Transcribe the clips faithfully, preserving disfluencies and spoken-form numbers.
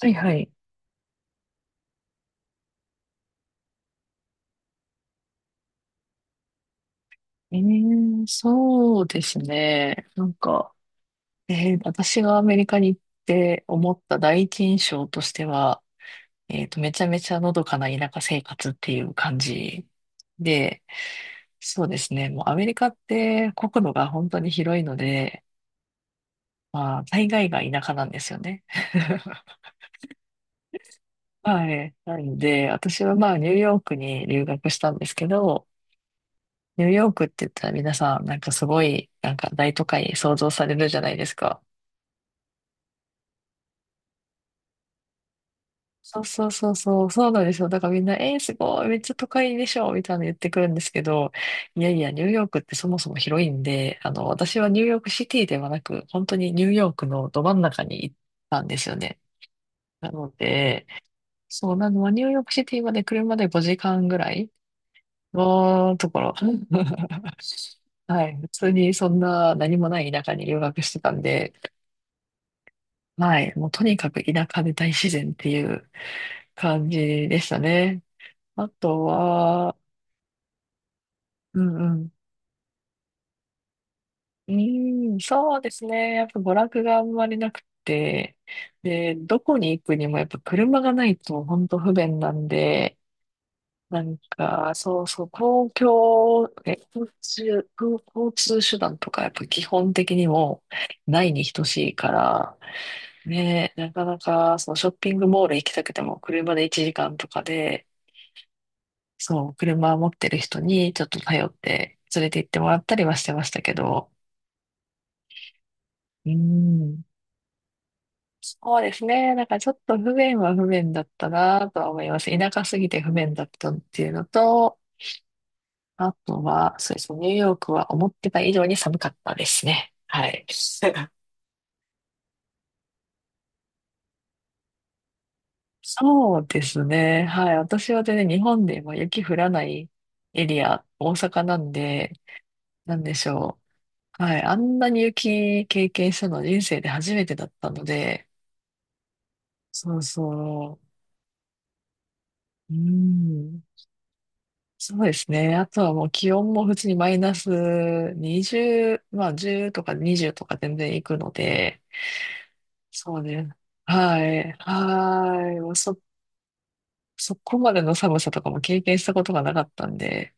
はいはい。えー、そうですね。なんか、えー私がアメリカに行って思った第一印象としては、えっと、めちゃめちゃのどかな田舎生活っていう感じで、そうですね。もうアメリカって国土が本当に広いので、まあ、大概が田舎なんですよね。はい。なので、私はまあ、ニューヨークに留学したんですけど、ニューヨークって言ったら皆さん、なんかすごい、なんか大都会想像されるじゃないですか。そうそうそうそう、そうなんですよ。だからみんな、えー、すごい、めっちゃ都会でしょ、みたいなの言ってくるんですけど、いやいや、ニューヨークってそもそも広いんで、あの、私はニューヨークシティではなく、本当にニューヨークのど真ん中に行ったんですよね。なので、そうなのは、ニューヨークシティまで車でごじかんぐらいのところ。はい。普通にそんな何もない田舎に留学してたんで、はい。もうとにかく田舎で大自然っていう感じでしたね。あとは、うんうん。うーん、そうですね。やっぱ娯楽があんまりなくて、で、どこに行くにもやっぱ車がないと本当不便なんで、なんか、そうそう、公共、え、交通、交通手段とかやっぱ基本的にもないに等しいから、ね、なかなかそのショッピングモール行きたくても車でいちじかんとかで、そう、車持ってる人にちょっと頼って連れて行ってもらったりはしてましたけど、うん、そうですね。なんかちょっと不便は不便だったなとは思います。田舎すぎて不便だったっていうのと、あとは、そうですね、ニューヨークは思ってた以上に寒かったですね。はい。そうですね。はい。私はね、日本でも雪降らないエリア、大阪なんで、なんでしょう。はい。あんなに雪経験したの人生で初めてだったので、そうそう。うん。そうですね。あとはもう気温も普通にマイナスにじゅう、まあじゅうとかにじゅうとか全然行くので、そうね。はい。はい。もうそ、そこまでの寒さとかも経験したことがなかったんで、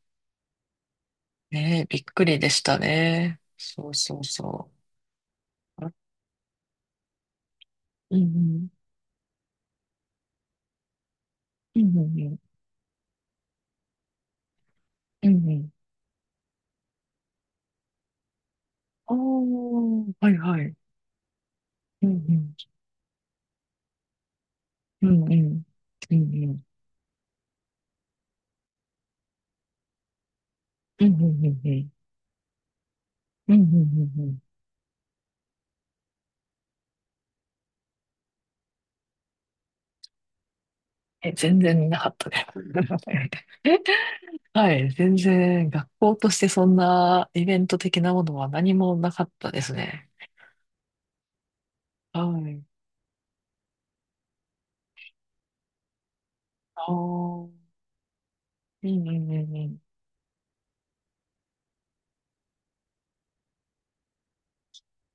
ね、びっくりでしたね。そうそうそう。あうんうん。うんうんうん。うんうん。おー、はいはい。うんうん。うんうん。うんうん。うんうんうんうん。うんうんうんうん。え、全然見なかったです。はい、全然学校としてそんなイベント的なものは何もなかったですね。はい。ああ、うんうんうんうん。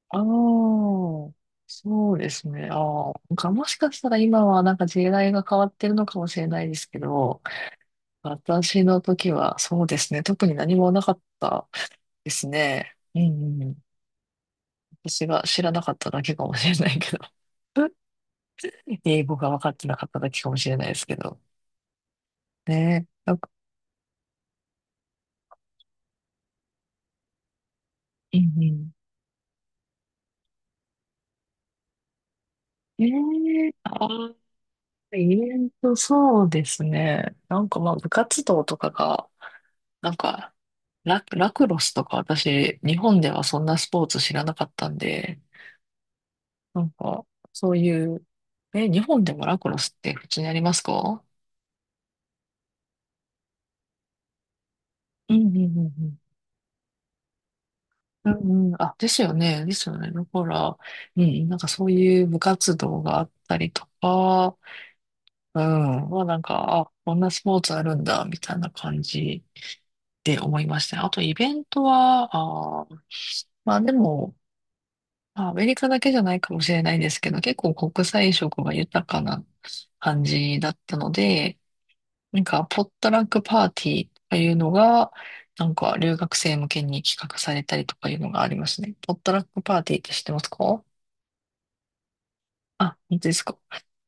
ああ、そうですね。ああ、なんかもしかしたら今はなんか時代が変わってるのかもしれないですけど、私の時はそうですね。特に何もなかったですね。うんうんうん。私が知らなかっただけかもしれないけど。英語が分かってなかっただけかもしれないですけど。ねなんか、うんうん。ええああ、ええと、そうですね。なんかまあ、部活動とかが、なんか、ラ、ラクロスとか私、日本ではそんなスポーツ知らなかったんで、なんか、そういう、え、日本でもラクロスって普通にありますか？うんうんうんうん。うんうん。あ、ですよね。ですよね。だから、うん、なんかそういう部活動があったりとか、うん。まあなんか、あ、こんなスポーツあるんだ、みたいな感じで思いましたね。あとイベントは、あー、まあでも、まあアメリカだけじゃないかもしれないですけど、結構国際色が豊かな感じだったので、なんかポットラックパーティーというのが、なんか留学生向けに企画されたりとかいうのがありますね。ポットラックパーティーって知ってますか？あ、本当ですか。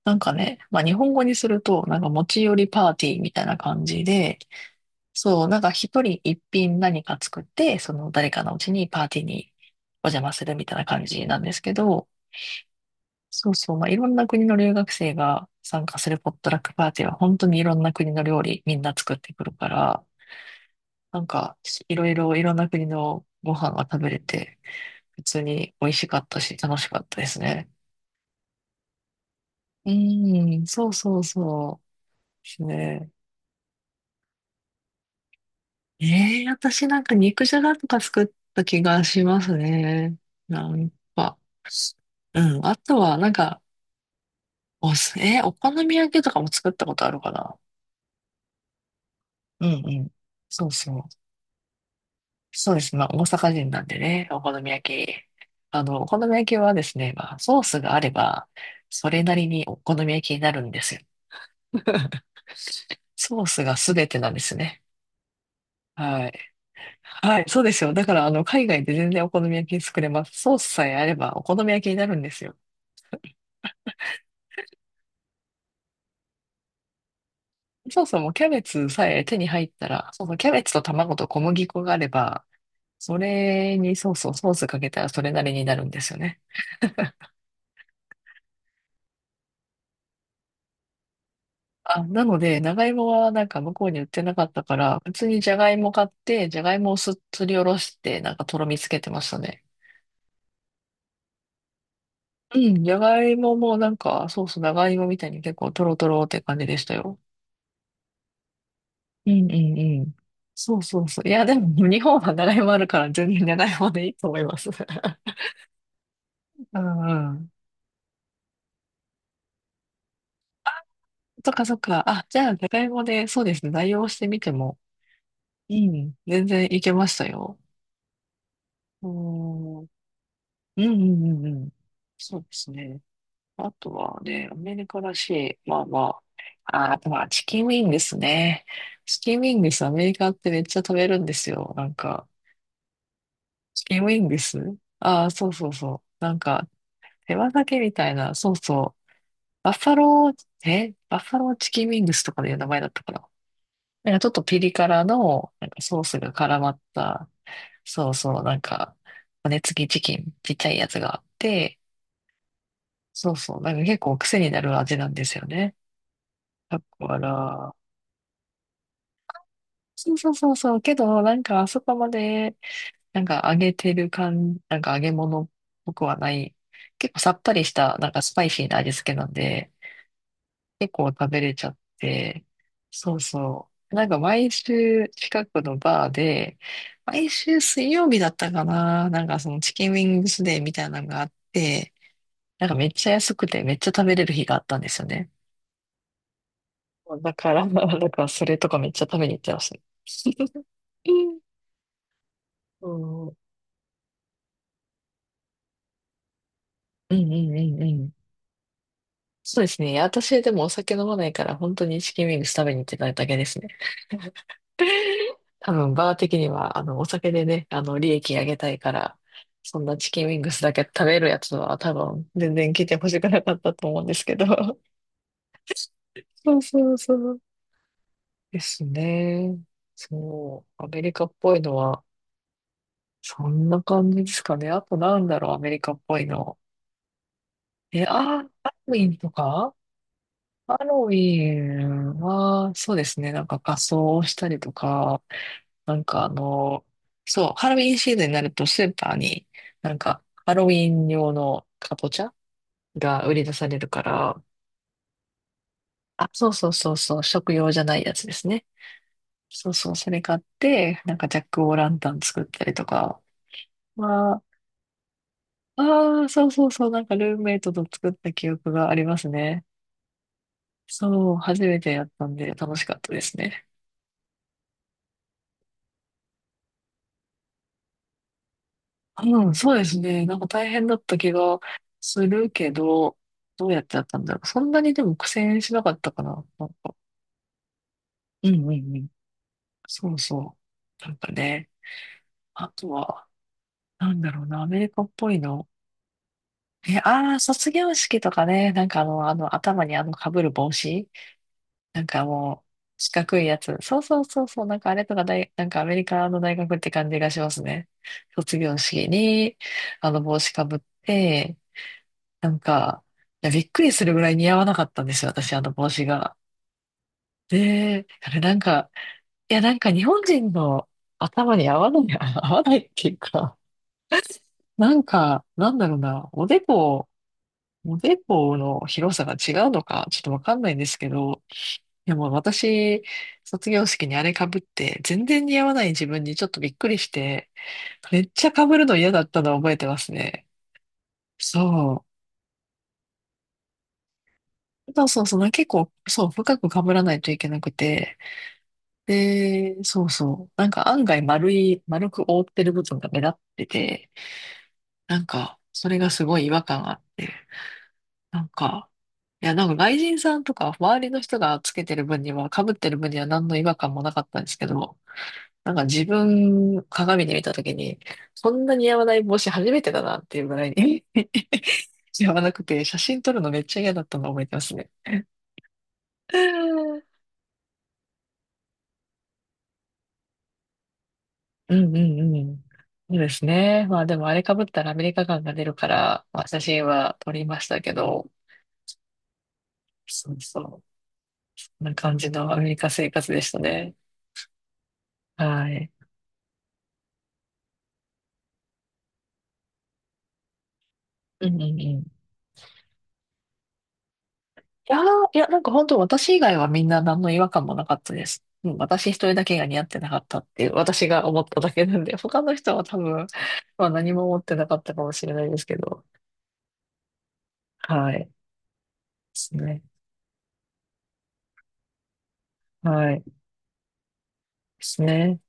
なんかね、まあ日本語にすると、なんか持ち寄りパーティーみたいな感じで、そう、なんか一人一品何か作って、その誰かのうちにパーティーにお邪魔するみたいな感じなんですけど、そうそう、まあ、いろんな国の留学生が参加するポットラックパーティーは本当にいろんな国の料理みんな作ってくるから、なんかいろいろいろんな国のご飯が食べれて、普通に美味しかったし楽しかったですね。うーん、そうそうそうですね。ええ私なんか肉じゃがとか作った気がしますね。なんかうん。あとは、なんか、おす、えーお好み焼きとかも作ったことあるかな？うんうん。そうそう。そうです。まあ、大阪人なんでね、お好み焼き。あの、お好み焼きはですね、まあ、ソースがあれば、それなりにお好み焼きになるんですよ。ソースが全てなんですね。はい。はい、そうですよ。だから、あの、海外で全然お好み焼き作れます。ソースさえあればお好み焼きになるんですよ。そうそう、もうキャベツさえ手に入ったら、そうそう、キャベツと卵と小麦粉があれば、それに、そうそう、ソースかけたらそれなりになるんですよね。あ、なので、長芋はなんか向こうに売ってなかったから、普通にじゃがいも買って、じゃがいもをすすりおろして、なんかとろみつけてましたね。うん、じゃがいももなんか、そうそう、長芋みたいに結構とろとろって感じでしたよ。うんうんうん。そうそうそう。いや、でも日本は長芋あるから全然長芋でいいと思います。うんうん。そっかそっか。あ、じゃあ、じゃがいもで、そうですね、代用してみても、うん、全然いけましたよ。あーうんうんうんうん。そうですね。あとはね、アメリカらしい。まあまあ。ああ、まあ、チキンウィングスね。チキンウィングス、アメリカってめっちゃ食べるんですよ。なんか、チキンウィングス、ああー、そうそうそう。なんか、手羽先みたいな、そうそう。バッファロー、えバッファローチキンウィングスとかいう名前だったかな。なんかちょっとピリ辛の、なんかソースが絡まった、そうそう、なんか、骨付きチキン、ちっちゃいやつがあって、そうそう。なんか結構癖になる味なんですよね。だから、そうそうそうそう。けど、なんかあそこまで、なんか揚げてる感、なんか揚げ物っぽくはない。結構さっぱりした、なんかスパイシーな味付けなんで、結構食べれちゃって。そうそう。なんか毎週近くのバーで、毎週水曜日だったかな。なんかそのチキンウィングスデーみたいなのがあって、なんかめっちゃ安くてめっちゃ食べれる日があったんですよね。だから、だからそれとかめっちゃ食べに行ってますね。そう。うんうんうんうん。そうですね。いや私でもお酒飲まないから、本当にチキンウィングス食べに行ってただけですね。多分、バー的には、あの、お酒でね、あの、利益上げたいから、そんなチキンウィングスだけ食べるやつは多分、全然来てほしくなかったと思うんですけど。そうそうそう。ですね。そう。アメリカっぽいのは、そんな感じですかね。あとなんだろう、アメリカっぽいの。え、あー、ハロウィンとかハロウィンは、そうですね、なんか仮装をしたりとか、なんかあの、そう、ハロウィンシーズンになるとスーパーに、なんかハロウィン用のカぼチャが売り出されるから、あ、そうそうそうそう、食用じゃないやつですね。そうそう、それ買って、なんかジャックオーランタン作ったりとか、まあ、ああ、そうそうそう、なんかルームメイトと作った記憶がありますね。そう、初めてやったんで楽しかったですね。うん、そうですね。なんか大変だった気がするけど、どうやってやったんだろう。そんなにでも苦戦しなかったかな。なんか、うんうんうん。そうそう。なんかね、あとは、なんだろうな、アメリカっぽいの。え、ああ、卒業式とかね、なんかあの、あの、頭にあの被る帽子なんかもう、四角いやつ。そうそうそうそう。なんかあれとか大、なんかアメリカの大学って感じがしますね。卒業式に、あの帽子かぶって、なんか、いや、びっくりするぐらい似合わなかったんですよ、私、あの帽子が。で、あれなんか、いや、なんか日本人の頭に合わない、合わないっていうか、なんか、なんだろうな、おでこ、おでこの広さが違うのか、ちょっとわかんないんですけど、いやもう私、卒業式にあれ被って、全然似合わない自分にちょっとびっくりして、めっちゃ被るの嫌だったのを覚えてますね。そう。そうそうそう、な結構、そう、深く被らないといけなくて、で、そうそう、なんか案外丸い、丸く覆ってる部分が目立ってて、なんか、それがすごい違和感があって、なんか、いや、なんか外人さんとか周りの人がつけてる分には、被ってる分には何の違和感もなかったんですけど、なんか自分、鏡で見たときに、そんな似合わない帽子初めてだなっていうぐらいに 似合わなくて、写真撮るのめっちゃ嫌だったのを覚えてますね。うんうんうん。そうですね。まあでもあれ被ったらアメリカ感が出るから、まあ写真は撮りましたけど、そうそう。こんな感じのアメリカ生活でしたね。はい。うんうんうん。いやー、いや、なんか本当私以外はみんな何の違和感もなかったです。うん、私一人だけが似合ってなかったっていう、私が思っただけなんで、他の人は多分、まあ何も思ってなかったかもしれないですけど。はい。ですね。はい。ですね。